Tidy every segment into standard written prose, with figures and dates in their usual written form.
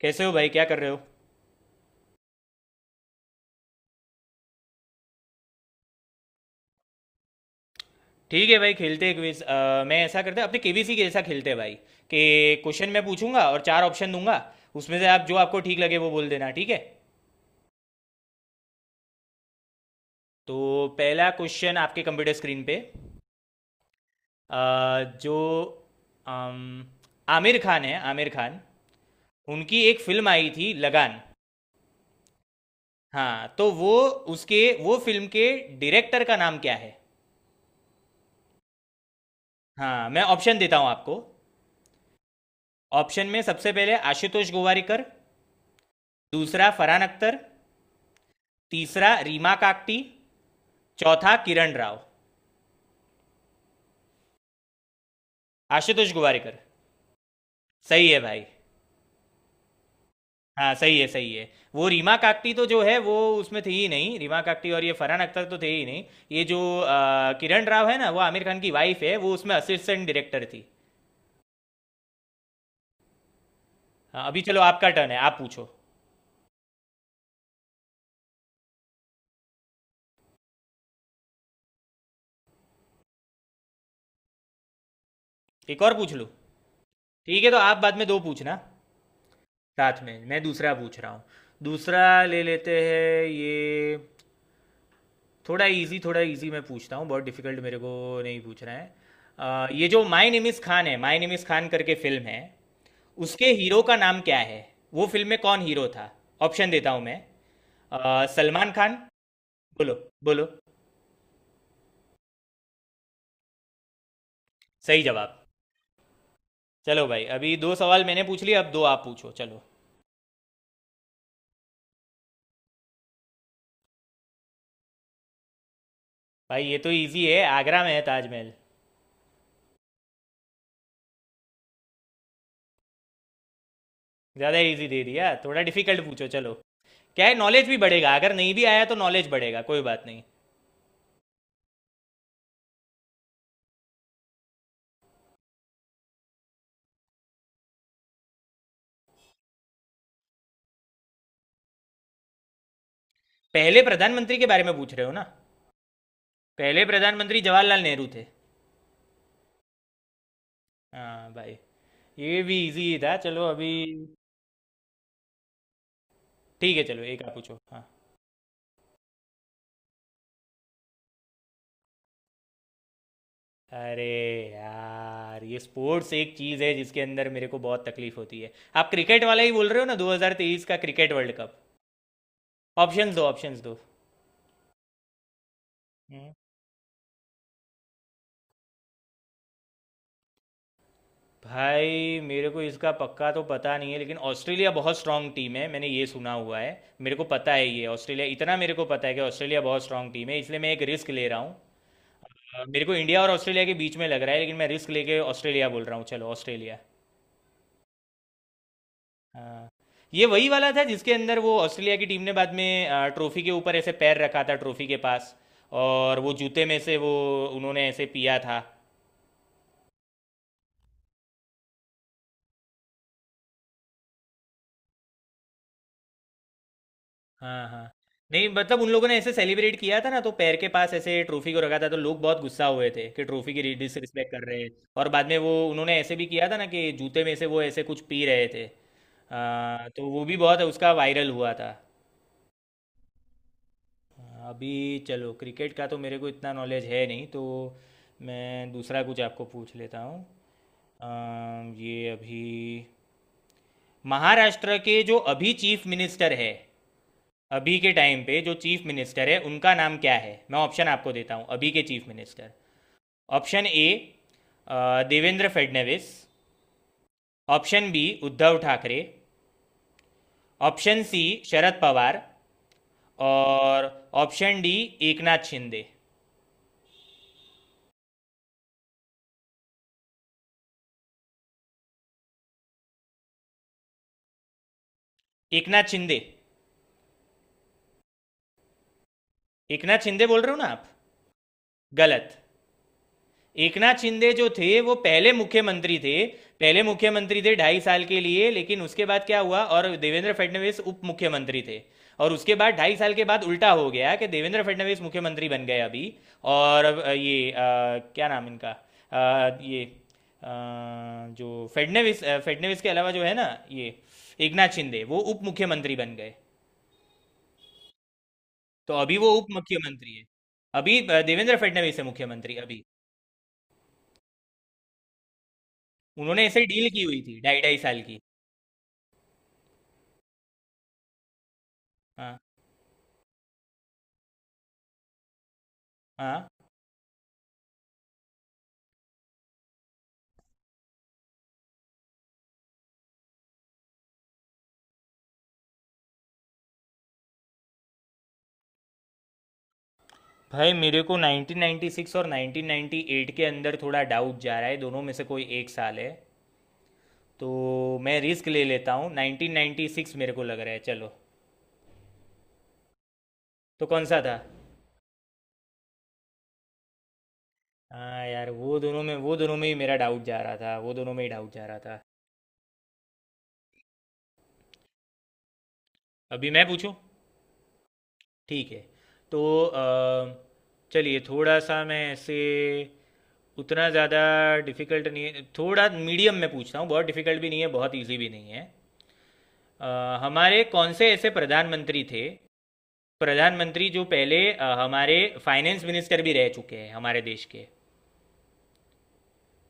कैसे हो भाई, क्या कर रहे हो? ठीक है भाई, खेलते हैं क्विज। मैं ऐसा करते हैं, अपने केबीसी के जैसा खेलते हैं भाई, कि क्वेश्चन मैं पूछूंगा और चार ऑप्शन दूंगा। उसमें से आप जो आपको ठीक लगे वो बोल देना, ठीक है? तो पहला क्वेश्चन आपके कंप्यूटर स्क्रीन पे, अ, जो अम, आमिर खान है, आमिर खान, उनकी एक फिल्म आई थी लगान। हाँ तो वो, उसके वो फिल्म के डायरेक्टर का नाम क्या है? हाँ, मैं ऑप्शन देता हूँ आपको। ऑप्शन में सबसे पहले आशुतोष गोवारिकर, दूसरा फरहान अख्तर, तीसरा रीमा काकटी, चौथा किरण राव। आशुतोष गुवारिकर। सही है भाई। हाँ, सही है, सही है। वो रीमा काकटी तो जो है वो उसमें थी ही नहीं, रीमा काकटी, और ये फरहान अख्तर तो थे ही नहीं। ये जो किरण राव है ना, वो आमिर खान की वाइफ है, वो उसमें असिस्टेंट डायरेक्टर थी। हाँ, अभी चलो, आपका टर्न है, आप पूछो। एक और पूछ लूँ। ठीक है, तो आप बाद में दो पूछना, साथ में मैं दूसरा पूछ रहा हूँ। दूसरा ले लेते हैं ये। थोड़ा इजी, थोड़ा इजी मैं पूछता हूँ, बहुत डिफिकल्ट मेरे को नहीं पूछना है। ये जो माय नेम इज़ खान है, माय नेम इज़ खान करके फिल्म है, उसके हीरो का नाम क्या है, वो फिल्म में कौन हीरो था? ऑप्शन देता हूँ मैं। सलमान खान। बोलो, बोलो। सही जवाब। चलो भाई, अभी दो सवाल मैंने पूछ लिए, अब दो आप पूछो, चलो। भाई ये तो इजी है, आगरा में है ताजमहल। ज़्यादा इजी दे दिया, थोड़ा डिफिकल्ट पूछो चलो। क्या है, नॉलेज भी बढ़ेगा, अगर नहीं भी आया तो नॉलेज बढ़ेगा, कोई बात नहीं। पहले प्रधानमंत्री के बारे में पूछ रहे हो ना? पहले प्रधानमंत्री जवाहरलाल नेहरू थे। हाँ भाई। ये भी इजी था, चलो अभी। ठीक है चलो, एक आप पूछो, हाँ। अरे यार, ये स्पोर्ट्स एक चीज़ है जिसके अंदर मेरे को बहुत तकलीफ होती है। आप क्रिकेट वाला ही बोल रहे हो ना, 2023 का क्रिकेट वर्ल्ड कप? ऑप्शंस दो, ऑप्शंस दो। हम्म, भाई मेरे को इसका पक्का तो पता नहीं है, लेकिन ऑस्ट्रेलिया बहुत स्ट्रांग टीम है, मैंने ये सुना हुआ है। मेरे को पता है ये, ऑस्ट्रेलिया, इतना मेरे को पता है कि ऑस्ट्रेलिया बहुत स्ट्रांग टीम है, इसलिए मैं एक रिस्क ले रहा हूँ। मेरे को इंडिया और ऑस्ट्रेलिया के बीच में लग रहा है, लेकिन मैं रिस्क लेके ऑस्ट्रेलिया बोल रहा हूँ, चलो ऑस्ट्रेलिया। हाँ। ये वही वाला था जिसके अंदर वो ऑस्ट्रेलिया की टीम ने बाद में ट्रॉफी के ऊपर ऐसे पैर रखा था, ट्रॉफी के पास। और वो जूते में से वो, उन्होंने ऐसे पिया था। हाँ हाँ। नहीं मतलब, उन लोगों ने ऐसे सेलिब्रेट किया था ना, तो पैर के पास ऐसे ट्रॉफी को रखा था, तो लोग बहुत गुस्सा हुए थे कि ट्रॉफी की डिसरिस्पेक्ट कर रहे हैं। और बाद में वो उन्होंने ऐसे भी किया था ना, कि जूते में से वो ऐसे कुछ पी रहे थे, तो वो भी बहुत उसका वायरल हुआ था। अभी चलो, क्रिकेट का तो मेरे को इतना नॉलेज है नहीं, तो मैं दूसरा कुछ आपको पूछ लेता हूँ। ये अभी महाराष्ट्र के जो अभी चीफ मिनिस्टर है, अभी के टाइम पे जो चीफ मिनिस्टर है उनका नाम क्या है, मैं ऑप्शन आपको देता हूँ, अभी के chief minister. Option A Devendra Fadnavis, option B Uddhav Thackeray, option C Sharad Pawar, और ऑप्शन डी एकनाथ शिंदे। एकनाथ शिंदे। एकनाथ शिंदे बोल रहे हो ना आप? गलत। एकनाथ शिंदे जो थे वो पहले मुख्यमंत्री थे। पहले मुख्यमंत्री थे ढाई साल के लिए, लेकिन उसके बाद क्या हुआ, और देवेंद्र फडणवीस उप मुख्यमंत्री थे। और उसके बाद ढाई साल के बाद उल्टा हो गया कि देवेंद्र फडणवीस मुख्यमंत्री बन गए अभी। और ये, क्या नाम इनका, ये अ, जो फडणवीस, फडणवीस के अलावा जो है ना, ये एकनाथ शिंदे वो उप मुख्यमंत्री बन गए। तो अभी वो उप मुख्यमंत्री है। अभी देवेंद्र फडणवीस है मुख्यमंत्री अभी। उन्होंने ऐसे डील की हुई थी, ढाई ढाई साल की। हाँ हाँ। भाई मेरे को 1996 और 1998 के अंदर थोड़ा डाउट जा रहा है, दोनों में से कोई एक साल है। तो मैं रिस्क ले लेता हूँ, 1996 मेरे को लग रहा है, चलो। तो कौन सा था? हाँ यार, वो दोनों में ही मेरा डाउट जा रहा था, वो दोनों में ही डाउट जा रहा था। अभी मैं पूछूं? ठीक है। तो चलिए, थोड़ा सा मैं ऐसे, उतना ज़्यादा डिफिकल्ट नहीं है, थोड़ा मीडियम में पूछता हूँ, बहुत डिफिकल्ट भी नहीं है, बहुत इजी भी नहीं है। अ, हमारे कौन से ऐसे प्रधानमंत्री थे, प्रधानमंत्री जो पहले हमारे फाइनेंस मिनिस्टर भी रह चुके हैं हमारे देश के,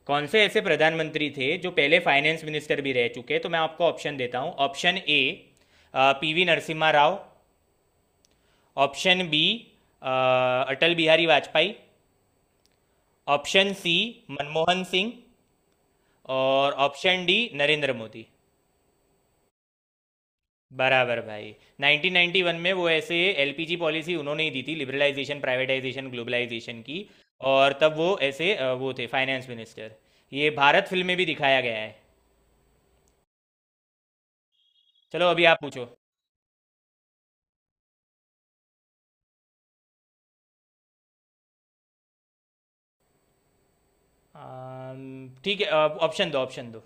कौन से ऐसे प्रधानमंत्री थे जो पहले फाइनेंस मिनिस्टर भी रह चुके हैं, तो मैं आपको ऑप्शन देता हूँ। Option A P V Narasimha Rao, option B Atal Bihari Vajpayee, option C Manmohan Singh, और ऑप्शन डी नरेंद्र मोदी। बराबर भाई। 1991 में वो ऐसे एलपीजी पॉलिसी उन्होंने ही दी थी, लिबरलाइजेशन प्राइवेटाइजेशन ग्लोबलाइजेशन की। और तब वो ऐसे, वो थे फाइनेंस मिनिस्टर। ये भारत फिल्म में भी दिखाया गया है। चलो, अभी आप पूछो। ठीक है। ऑप्शन दो, ऑप्शन दो।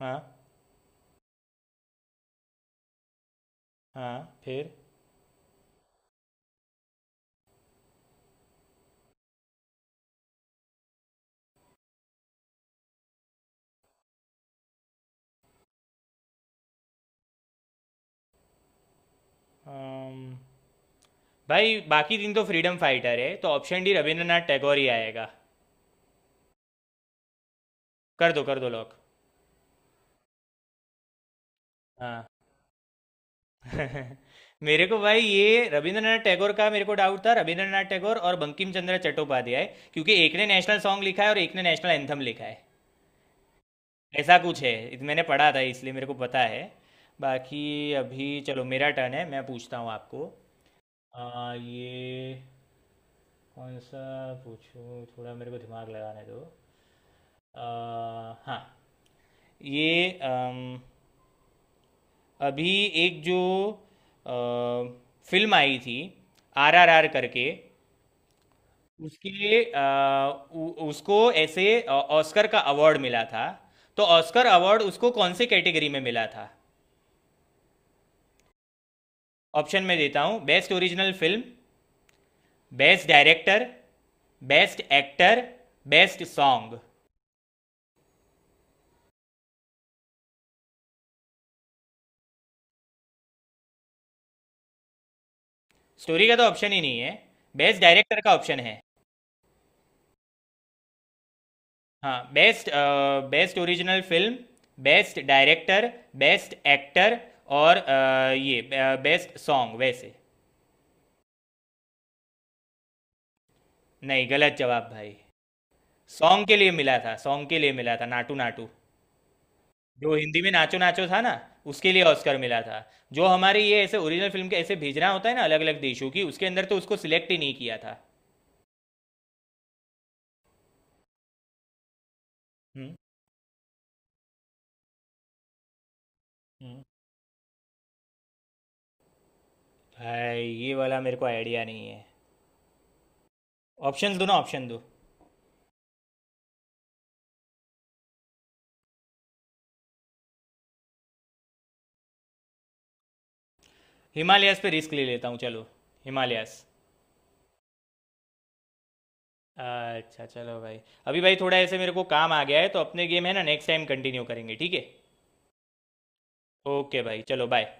हाँ। हाँ फिर। अम, भाई, बाकी दिन तो फ्रीडम फाइटर है, तो ऑप्शन डी रविंद्रनाथ टैगोर ही आएगा। कर दो, कर दो लॉक। हाँ। मेरे को भाई ये रविंद्रनाथ टैगोर का मेरे को डाउट था, रविंद्रनाथ टैगोर और बंकिम चंद्र चट्टोपाध्याय, क्योंकि एक ने नेशनल सॉन्ग लिखा है और एक ने नेशनल एंथम लिखा है, ऐसा कुछ है। मैंने पढ़ा था इसलिए मेरे को पता है। बाकी, अभी चलो, मेरा टर्न है, मैं पूछता हूँ आपको। ये कौन सा पूछूँ, थोड़ा मेरे को दिमाग लगाने दो। आ, हाँ। ये अभी एक जो अ, फिल्म आई थी आर आर आर करके, उसके उसको ऐसे ऑस्कर का अवार्ड मिला था। तो ऑस्कर अवार्ड उसको कौन से कैटेगरी में मिला था? ऑप्शन में देता हूँ, best original film, best director, best actor, best song. Story का तो ऑप्शन ही नहीं है, बेस्ट डायरेक्टर का ऑप्शन है। हाँ, best, best original film, best director, best actor, और ये बेस्ट सॉन्ग वैसे। नहीं, गलत जवाब भाई। सॉन्ग के लिए मिला था, सॉन्ग के लिए मिला था, नाटू नाटू, जो हिंदी में नाचो नाचो था ना, उसके लिए ऑस्कर मिला था। जो हमारे ये ऐसे ओरिजिनल फिल्म के ऐसे भेजना होता है ना अलग अलग देशों की, उसके अंदर तो उसको सिलेक्ट ही नहीं किया था। हम्म हम्म। भाई ये वाला मेरे को आइडिया नहीं है, ऑप्शन दो ना, ऑप्शन दो। हिमालयास पे रिस्क ले लेता हूँ, चलो, हिमालयास। अच्छा चलो भाई, अभी भाई थोड़ा ऐसे मेरे को काम आ गया है, तो अपने गेम है ना, नेक्स्ट टाइम कंटिन्यू करेंगे, ठीक है? ओके भाई, चलो बाय।